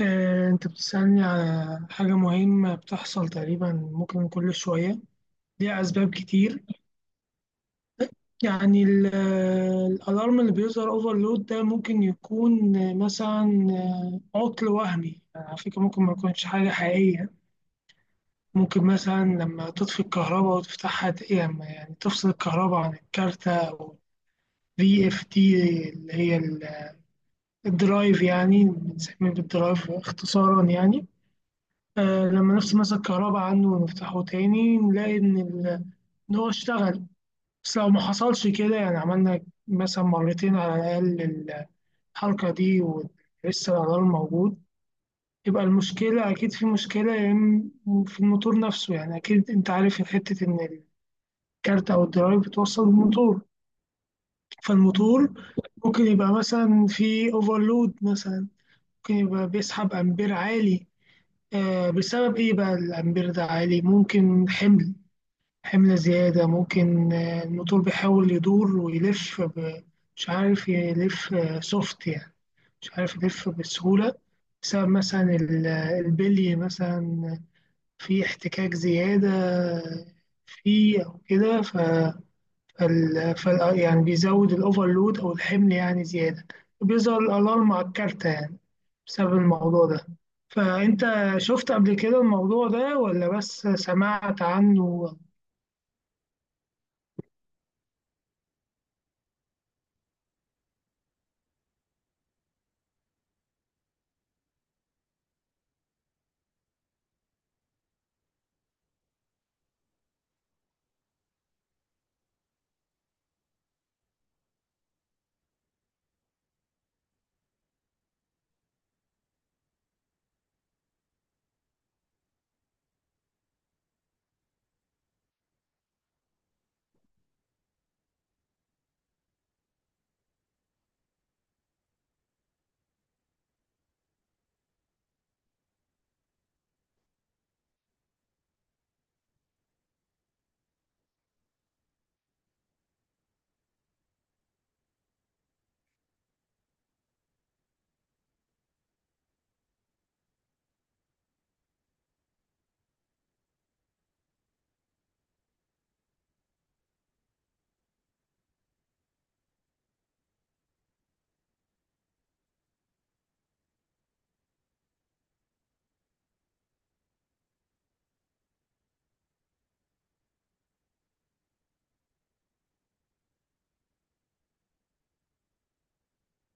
أنت بتسألني على حاجة مهمة بتحصل تقريبا ممكن كل شوية، ليها أسباب كتير. يعني الألارم اللي بيظهر أوفرلود ده ممكن يكون مثلا عطل وهمي، يعني على فكرة ممكن ما يكونش حاجة حقيقية. ممكن مثلا لما تطفي الكهرباء وتفتحها يعني تفصل الكهرباء عن الكارتة أو في اف تي، اللي هي الدرايف، يعني بنسميه بالدرايف اختصارا يعني. آه لما نفس مثلا الكهرباء عنه ونفتحه تاني نلاقي إن هو اشتغل. بس لو ما حصلش كده، يعني عملنا مثلا مرتين على الأقل الحركة دي ولسه الألارم موجود، يبقى المشكلة أكيد، في مشكلة يا إما في الموتور نفسه. يعني أكيد أنت عارف حتة إن الكارت أو الدرايف بتوصل الموتور، فالموتور ممكن يبقى مثلا في اوفرلود مثلا، ممكن يبقى بيسحب أمبير عالي. آه بسبب إيه بقى الأمبير ده عالي؟ ممكن حمل زيادة، ممكن الموتور بيحاول يدور ويلف مش عارف يلف سوفت يعني، مش عارف يلف بسهولة، بسبب مثلا البلي مثلا، في احتكاك زيادة فيه أو كده. يعني بيزود الأوفرلود أو الحمل يعني زيادة، بيظهر الألارم على الكارتة يعني بسبب الموضوع ده. فأنت شفت قبل كده الموضوع ده ولا بس سمعت عنه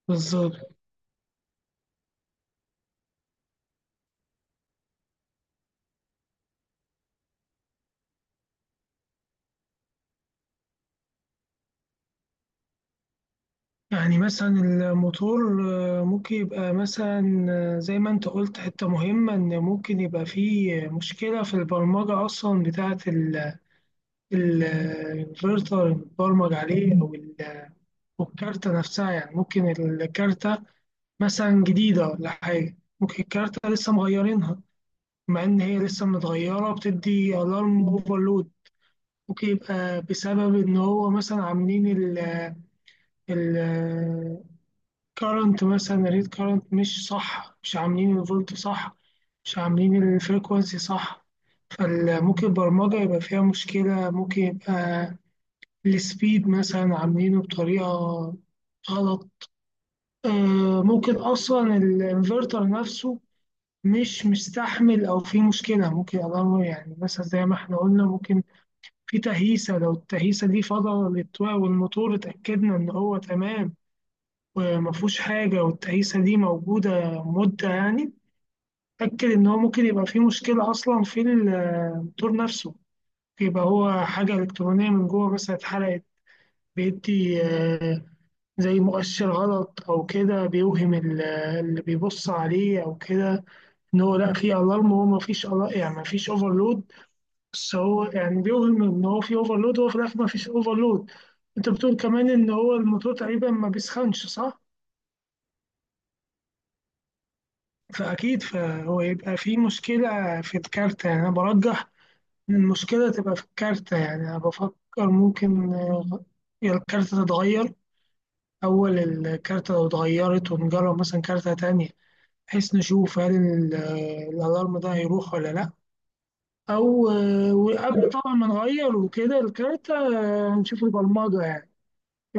بالظبط؟ يعني مثلا الموتور ممكن يبقى مثلا، زي ما انت قلت حتة مهمة، ان ممكن يبقى فيه مشكلة في البرمجة اصلا بتاعة الانفرتر المتبرمج عليه، أو الكارتة نفسها. يعني ممكن الكارتة مثلا جديدة ولا حاجة، ممكن الكارتة لسه مغيرينها، مع ان هي لسه متغيرة بتدي الارم اوفرلود. ممكن يبقى بسبب ان هو مثلا عاملين ال كارنت مثلا، الريد كارنت مش صح، مش عاملين الفولت صح، مش عاملين الفريكوانسي صح. فممكن البرمجة يبقى فيها مشكلة، ممكن يبقى السبيد مثلا عاملينه بطريقة غلط. ممكن أصلا الانفرتر نفسه مش مستحمل أو في مشكلة، ممكن أضرر يعني. مثلا زي ما احنا قلنا ممكن في تهيسة، لو التهيسة دي فضل والموتور اتأكدنا إن هو تمام وما فيهوش حاجة، والتعيسة دي موجودة مدة يعني، أتأكد إن هو ممكن يبقى فيه مشكلة أصلا في الموتور نفسه. يبقى هو حاجة إلكترونية من جوه مثلا اتحرقت، بيدي زي مؤشر غلط أو كده، بيوهم اللي بيبص عليه أو كده إن هو لأ فيه ألارم. هو مفيش ألارم، يعني مفيش أوفرلود، بس هو يعني بيوهم إن هو فيه أوفرلود، هو في الآخر مفيش أوفرلود. أنت بتقول كمان إن هو الموتور تقريبا ما بيسخنش، صح؟ فأكيد فهو يبقى في مشكلة في الكارتة. يعني أنا برجح إن المشكلة تبقى في الكارتة، يعني أنا بفكر ممكن يا الكارتة تتغير، أول الكارتة لو اتغيرت ونجرب مثلا كارتة تانية، بحيث نشوف هل الألارم ده هيروح ولا لأ. أو وقبل طبعا ما نغير وكده الكارتة، نشوف البرمجة يعني. ف-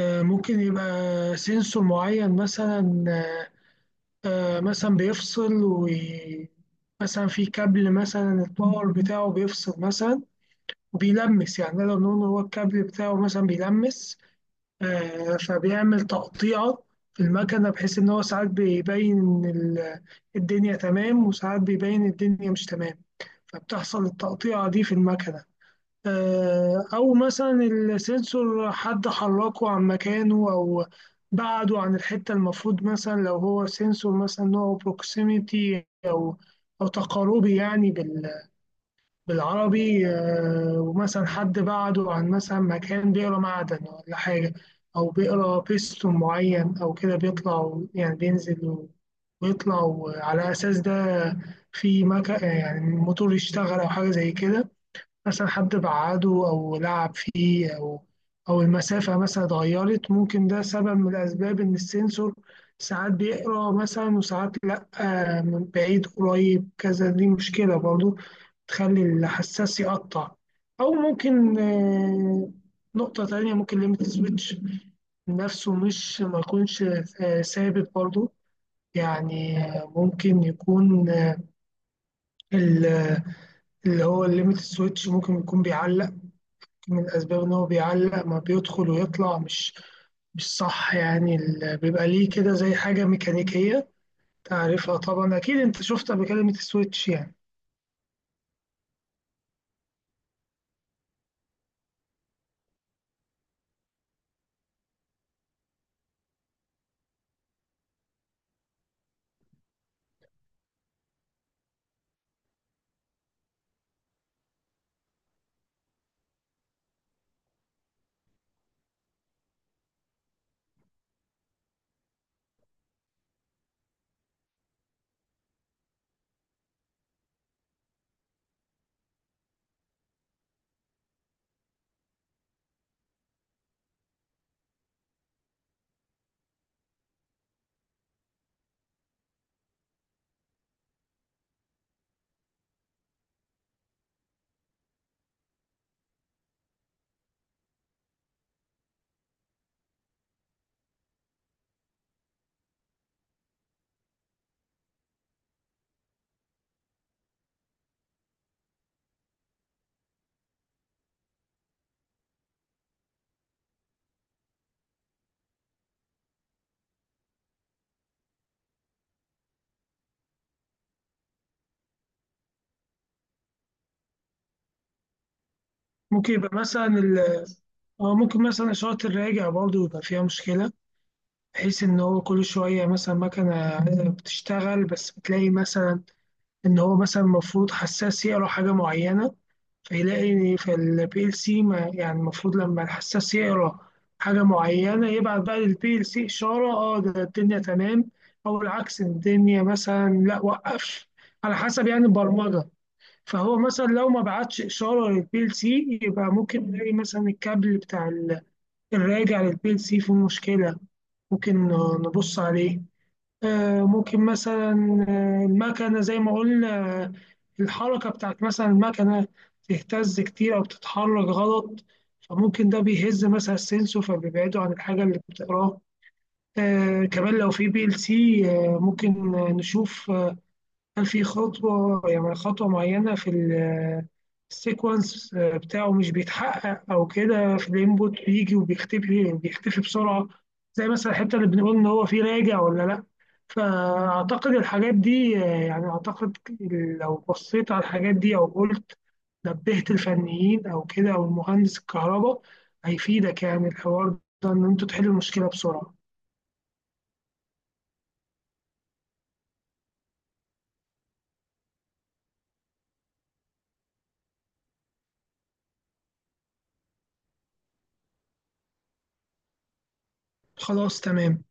ممكن يبقى سنسور معين مثلا، مثلا بيفصل، ومثلا في كابل مثلا الباور بتاعه بيفصل مثلا وبيلمس، يعني نقدر نقول هو الكابل بتاعه مثلا بيلمس، فبيعمل تقطيعة في المكنة، بحيث إن هو ساعات بيبين الدنيا تمام، وساعات بيبين الدنيا مش تمام، فبتحصل التقطيعة دي في المكنة. أو مثلا السنسور حد حركه عن مكانه، أو بعده عن الحتة المفروض، مثلا لو هو سنسور مثلا نوعه بروكسيميتي أو أو تقاربي يعني بالعربي. ومثلا حد بعده عن مثلا مكان بيقرا معدن ولا حاجة، أو بيقرا بيستون معين أو كده بيطلع، يعني بينزل ويطلع، وعلى أساس ده في مكان يعني الموتور يشتغل أو حاجة زي كده. مثلا حد بعده أو لعب فيه، أو أو المسافة مثلا اتغيرت، ممكن ده سبب من الأسباب إن السنسور ساعات بيقرأ مثلا وساعات لأ. من بعيد قريب كذا، دي مشكلة برضو تخلي الحساس يقطع. أو ممكن نقطة تانية، ممكن ليميت سويتش نفسه مش ما يكونش ثابت برضو. يعني ممكن يكون ال- اللي هو الليميت سويتش ممكن يكون بيعلق، من الأسباب إن هو بيعلق، ما بيدخل ويطلع مش صح يعني. بيبقى ليه كده زي حاجة ميكانيكية تعرفها طبعا، أكيد أنت شفتها بكلمة السويتش يعني. ممكن يبقى مثلا اه ممكن مثلا إشارة الراجع برضو يبقى فيها مشكلة، بحيث إن هو كل شوية مثلا مكنة عايزة بتشتغل، بس بتلاقي مثلا إن هو مثلا المفروض حساس يقرا حاجة معينة فيلاقي، فالبي ال سي ما يعني، المفروض لما الحساس يقرا حاجة معينة يبعت بقى للبي ال سي إشارة اه ده الدنيا تمام، أو العكس الدنيا مثلا لا وقفش، على حسب يعني البرمجة. فهو مثلا لو ما بعتش إشارة للبي ال سي، يبقى ممكن نلاقي مثلا الكابل بتاع الراجع للبي ال سي فيه مشكلة، ممكن نبص عليه. ممكن مثلا المكنة زي ما قلنا، آه، الحركة بتاعت مثلا المكنة تهتز كتير أو بتتحرك غلط، فممكن ده بيهز مثلا السنسور، فبيبعده عن الحاجة اللي بتقراها. كمان لو في PLC آه ممكن نشوف هل في خطوة، يعني خطوة معينة في السيكونس بتاعه مش بيتحقق أو كده، في الإنبوت بيجي وبيختفي، بسرعة، زي مثلا الحتة اللي بنقول إن هو فيه راجع ولا لأ. فأعتقد الحاجات دي، يعني أعتقد لو بصيت على الحاجات دي أو قلت نبهت الفنيين أو كده أو المهندس الكهرباء، هيفيدك يعني الحوار ده إن أنتوا تحلوا المشكلة بسرعة. خلاص تمام.